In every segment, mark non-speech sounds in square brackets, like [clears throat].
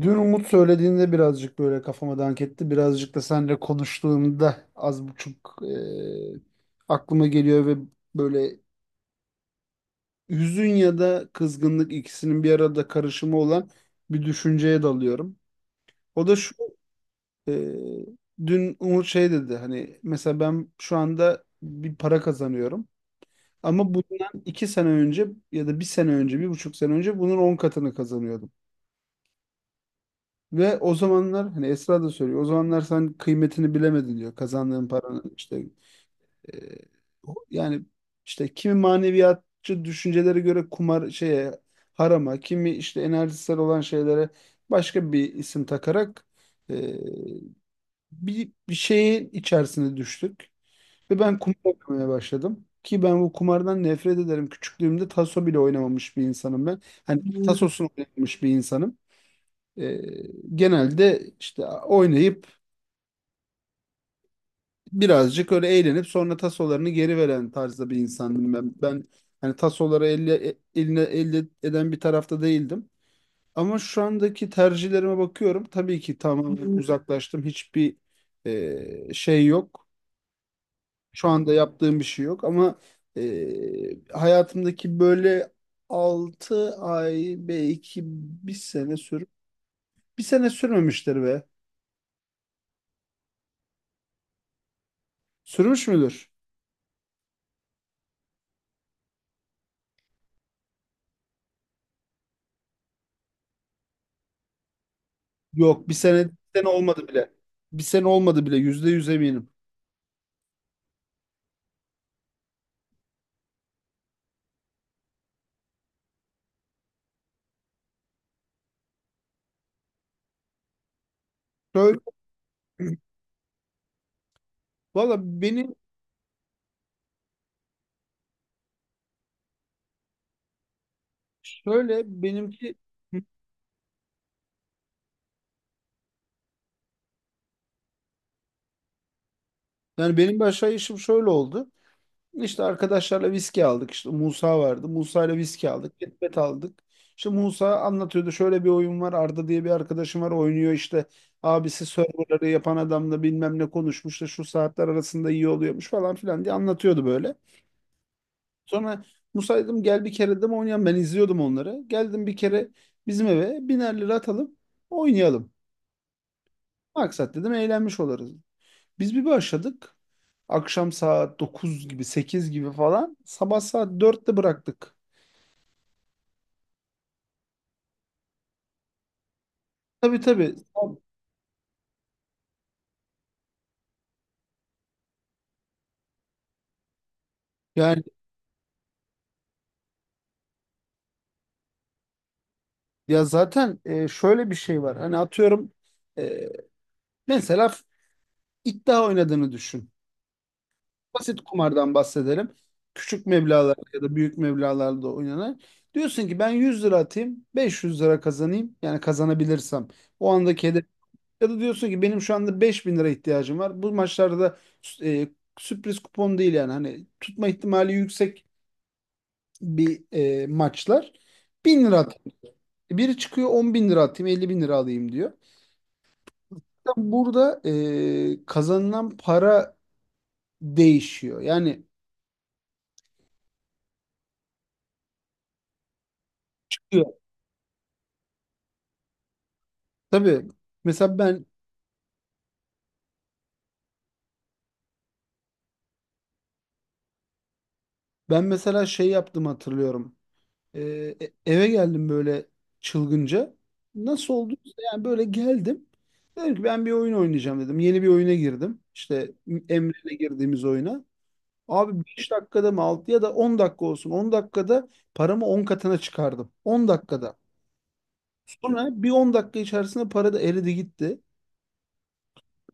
Dün Umut söylediğinde birazcık böyle kafama dank etti. Birazcık da seninle konuştuğumda az buçuk aklıma geliyor ve böyle hüzün ya da kızgınlık ikisinin bir arada karışımı olan bir düşünceye dalıyorum. O da şu, e, dün Umut şey dedi, hani mesela ben şu anda bir para kazanıyorum ama bundan iki sene önce ya da bir sene önce, bir buçuk sene önce bunun 10 katını kazanıyordum. Ve o zamanlar hani Esra da söylüyor. O zamanlar sen kıymetini bilemedin diyor. Kazandığın paranın işte, e, yani işte kimi maneviyatçı düşüncelere göre kumar şeye, harama, kimi işte enerjisel olan şeylere başka bir isim takarak, e, bir şeyin içerisine düştük. Ve ben kumar oynamaya başladım. Ki ben bu kumardan nefret ederim. Küçüklüğümde taso bile oynamamış bir insanım ben. Hani tasosunu oynamamış bir insanım. E, Genelde işte oynayıp birazcık öyle eğlenip sonra tasolarını geri veren tarzda bir insandım ben. Ben hani tasoları elle, eline elde eden bir tarafta değildim. Ama şu andaki tercihlerime bakıyorum. Tabii ki tamamen uzaklaştım. Hiçbir şey yok. Şu anda yaptığım bir şey yok ama hayatımdaki böyle 6 ay belki bir sene sürüp bir sene sürmemiştir be. Sürmüş müdür? Yok, bir sene olmadı bile. Bir sene olmadı bile, %100 eminim. Şöyle, valla benim şöyle benimki Yani benim bir aşağı işim şöyle oldu. İşte arkadaşlarla viski aldık. İşte Musa vardı. Musa ile viski aldık. Ketbet aldık. İşte Musa anlatıyordu. Şöyle bir oyun var. Arda diye bir arkadaşım var, oynuyor işte. Abisi serverları yapan adamla bilmem ne konuşmuş da şu saatler arasında iyi oluyormuş falan filan diye anlatıyordu böyle. Sonra Musaydım, gel bir kere de mi oynayalım. Ben izliyordum onları. Geldim bir kere, bizim eve biner lira atalım, oynayalım. Maksat dedim, eğlenmiş oluruz. Biz bir başladık. Akşam saat 9 gibi, 8 gibi falan. Sabah saat 4'te bıraktık. Tabii, tabii. Yani, ya zaten şöyle bir şey var. Hani atıyorum, e, mesela iddia oynadığını düşün. Basit kumardan bahsedelim. Küçük meblağlarda ya da büyük meblağlarda oynanan. Diyorsun ki ben 100 lira atayım, 500 lira kazanayım. Yani kazanabilirsem. O andaki hedef. Ya da diyorsun ki benim şu anda 5 bin lira ihtiyacım var. Bu maçlarda da e, sürpriz kupon değil yani. Hani tutma ihtimali yüksek bir maçlar. 1000 lira atayım. Biri çıkıyor 10 bin lira atayım, 50 bin lira alayım diyor. Zaten burada kazanılan para değişiyor. Yani, tabii. Mesela ben Ben mesela şey yaptım, hatırlıyorum. Ee, Eve geldim böyle, çılgınca. Nasıl olduysa, yani böyle geldim. Dedim ki ben bir oyun oynayacağım dedim. Yeni bir oyuna girdim. İşte Emre'yle girdiğimiz oyuna. Abi 5 dakikada mı 6 ya da 10 dakika olsun. 10 dakikada paramı 10 katına çıkardım. 10 dakikada. Sonra bir 10 dakika içerisinde para da eridi gitti.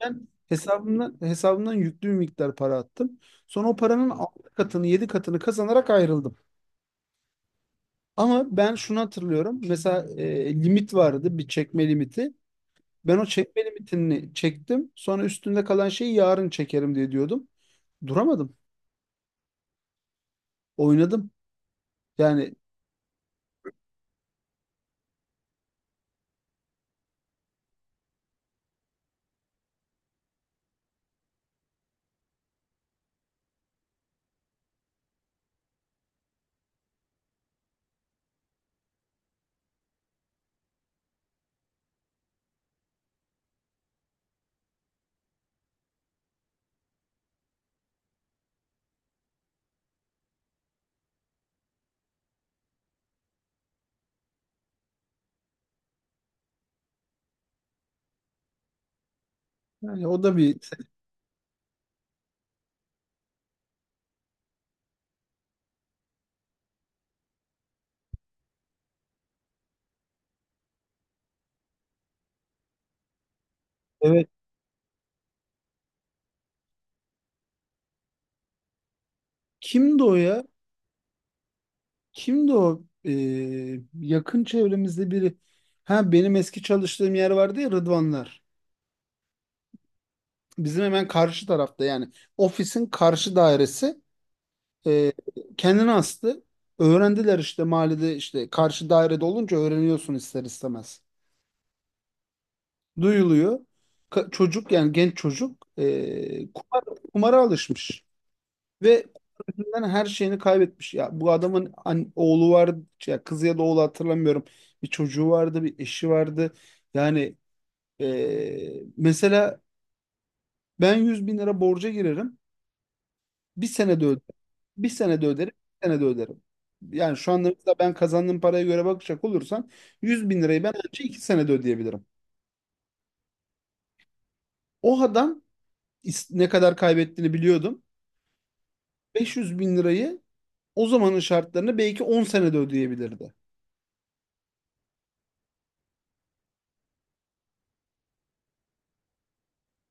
Ben hesabımdan yüklü bir miktar para attım. Sonra o paranın 6 katını, 7 katını kazanarak ayrıldım. Ama ben şunu hatırlıyorum. Mesela limit vardı, bir çekme limiti. Ben o çekme limitini çektim. Sonra üstünde kalan şeyi yarın çekerim diye diyordum. Duramadım. Oynadım. Yani yani o da bir [laughs] evet. Kimdi o ya? Kimdi o? Yakın çevremizde biri. Ha, benim eski çalıştığım yer vardı ya, Rıdvanlar. Bizim hemen karşı tarafta, yani ofisin karşı dairesi. E, Kendini astı. Öğrendiler işte, mahallede işte karşı dairede olunca öğreniyorsun ister istemez. Duyuluyor. Çocuk, yani genç çocuk, kumara alışmış. Ve kumar yüzünden her şeyini kaybetmiş. Ya bu adamın oğlu vardı ya kızı ya da oğlu, hatırlamıyorum. Bir çocuğu vardı, bir eşi vardı. Yani mesela ben 100 bin lira borca girerim. Bir senede öderim. Bir senede öderim, bir senede öderim. Yani şu anda mesela ben kazandığım paraya göre bakacak olursan, 100 bin lirayı ben ancak 2 senede ödeyebilirim. O adam ne kadar kaybettiğini biliyordum. 500 bin lirayı o zamanın şartlarını belki 10 senede ödeyebilirdi.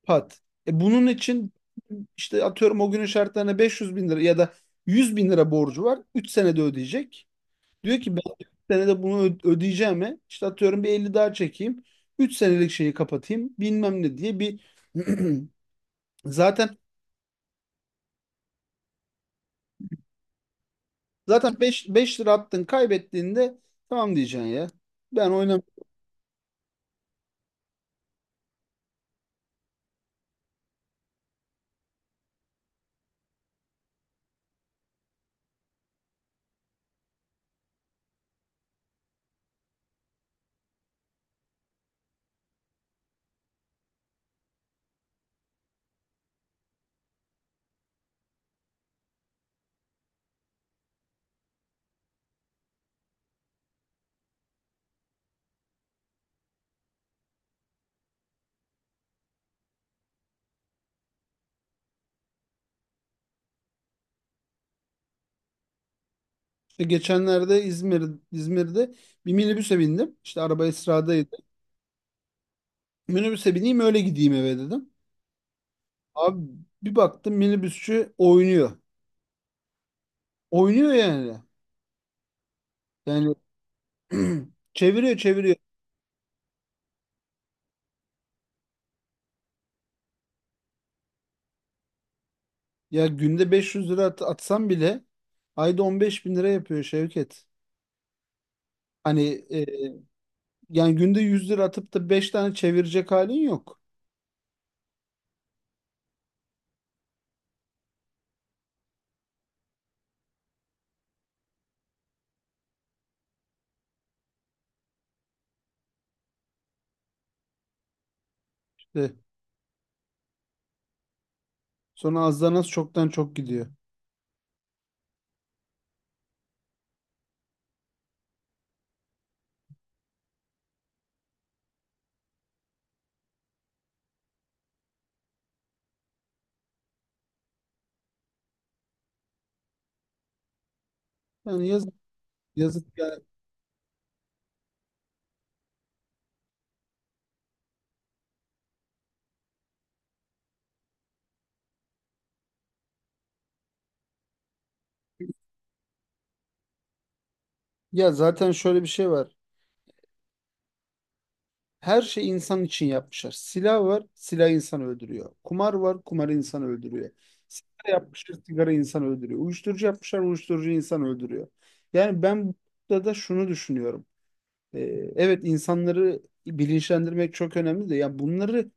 Pat. E, bunun için işte atıyorum o günün şartlarına 500 bin lira ya da 100 bin lira borcu var. 3 senede ödeyecek. Diyor ki ben 3 senede bunu ödeyeceğime işte atıyorum bir 50 daha çekeyim. Üç senelik şeyi kapatayım bilmem ne diye bir [clears throat] Zaten zaten beş lira attın kaybettiğinde tamam diyeceksin ya. Ben oynam işte geçenlerde İzmir'de bir minibüse bindim. İşte araba Esra'daydı. Minibüse bineyim, öyle gideyim eve dedim. Abi bir baktım, minibüsçü oynuyor. Oynuyor yani. Yani [clears throat] çeviriyor, çeviriyor. Ya günde 500 lira atsam bile ayda 15 bin lira yapıyor Şevket. Hani, yani günde 100 lira atıp da 5 tane çevirecek halin yok. İşte sonra azdan az, çoktan çok gidiyor. Yani yazık, yazık ya. Ya zaten şöyle bir şey var. Her şey insan için yapmışlar. Silah var, silah insanı öldürüyor. Kumar var, kumar insanı öldürüyor. Sigara yapmışlar, sigara insanı öldürüyor. Uyuşturucu yapmışlar, uyuşturucu insanı öldürüyor. Yani ben burada da şunu düşünüyorum. Ee, evet, insanları bilinçlendirmek çok önemli de ya bunları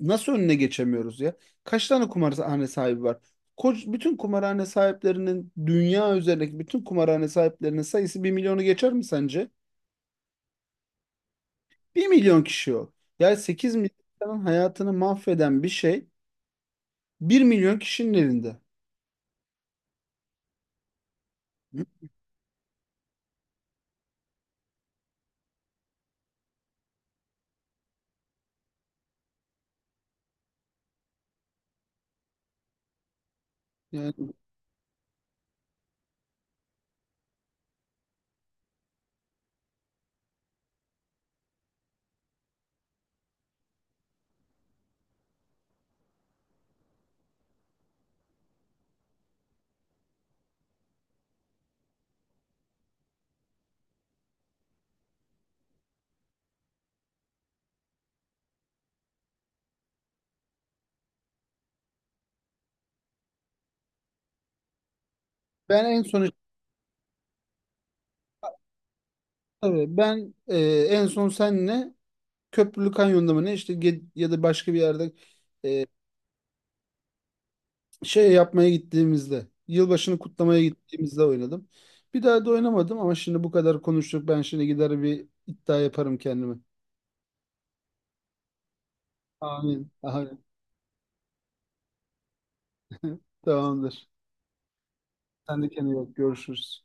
nasıl önüne geçemiyoruz ya? Kaç tane kumarhane sahibi var? Koç, bütün kumarhane sahiplerinin, dünya üzerindeki bütün kumarhane sahiplerinin sayısı bir milyonu geçer mi sence? Bir milyon kişi o. Yani 8 milyon insanın hayatını mahveden bir şey bir milyon kişinin elinde. Hı? Yani ben en son işte, tabii ben en son senle Köprülü Kanyon'da mı ne, işte ya da başka bir yerde şey yapmaya gittiğimizde, yılbaşını kutlamaya gittiğimizde oynadım. Bir daha da oynamadım ama şimdi bu kadar konuştuk. Ben şimdi gider bir iddia yaparım kendime. Amin. Amin. [laughs] Tamamdır. Sen de kendine iyi bak. Görüşürüz.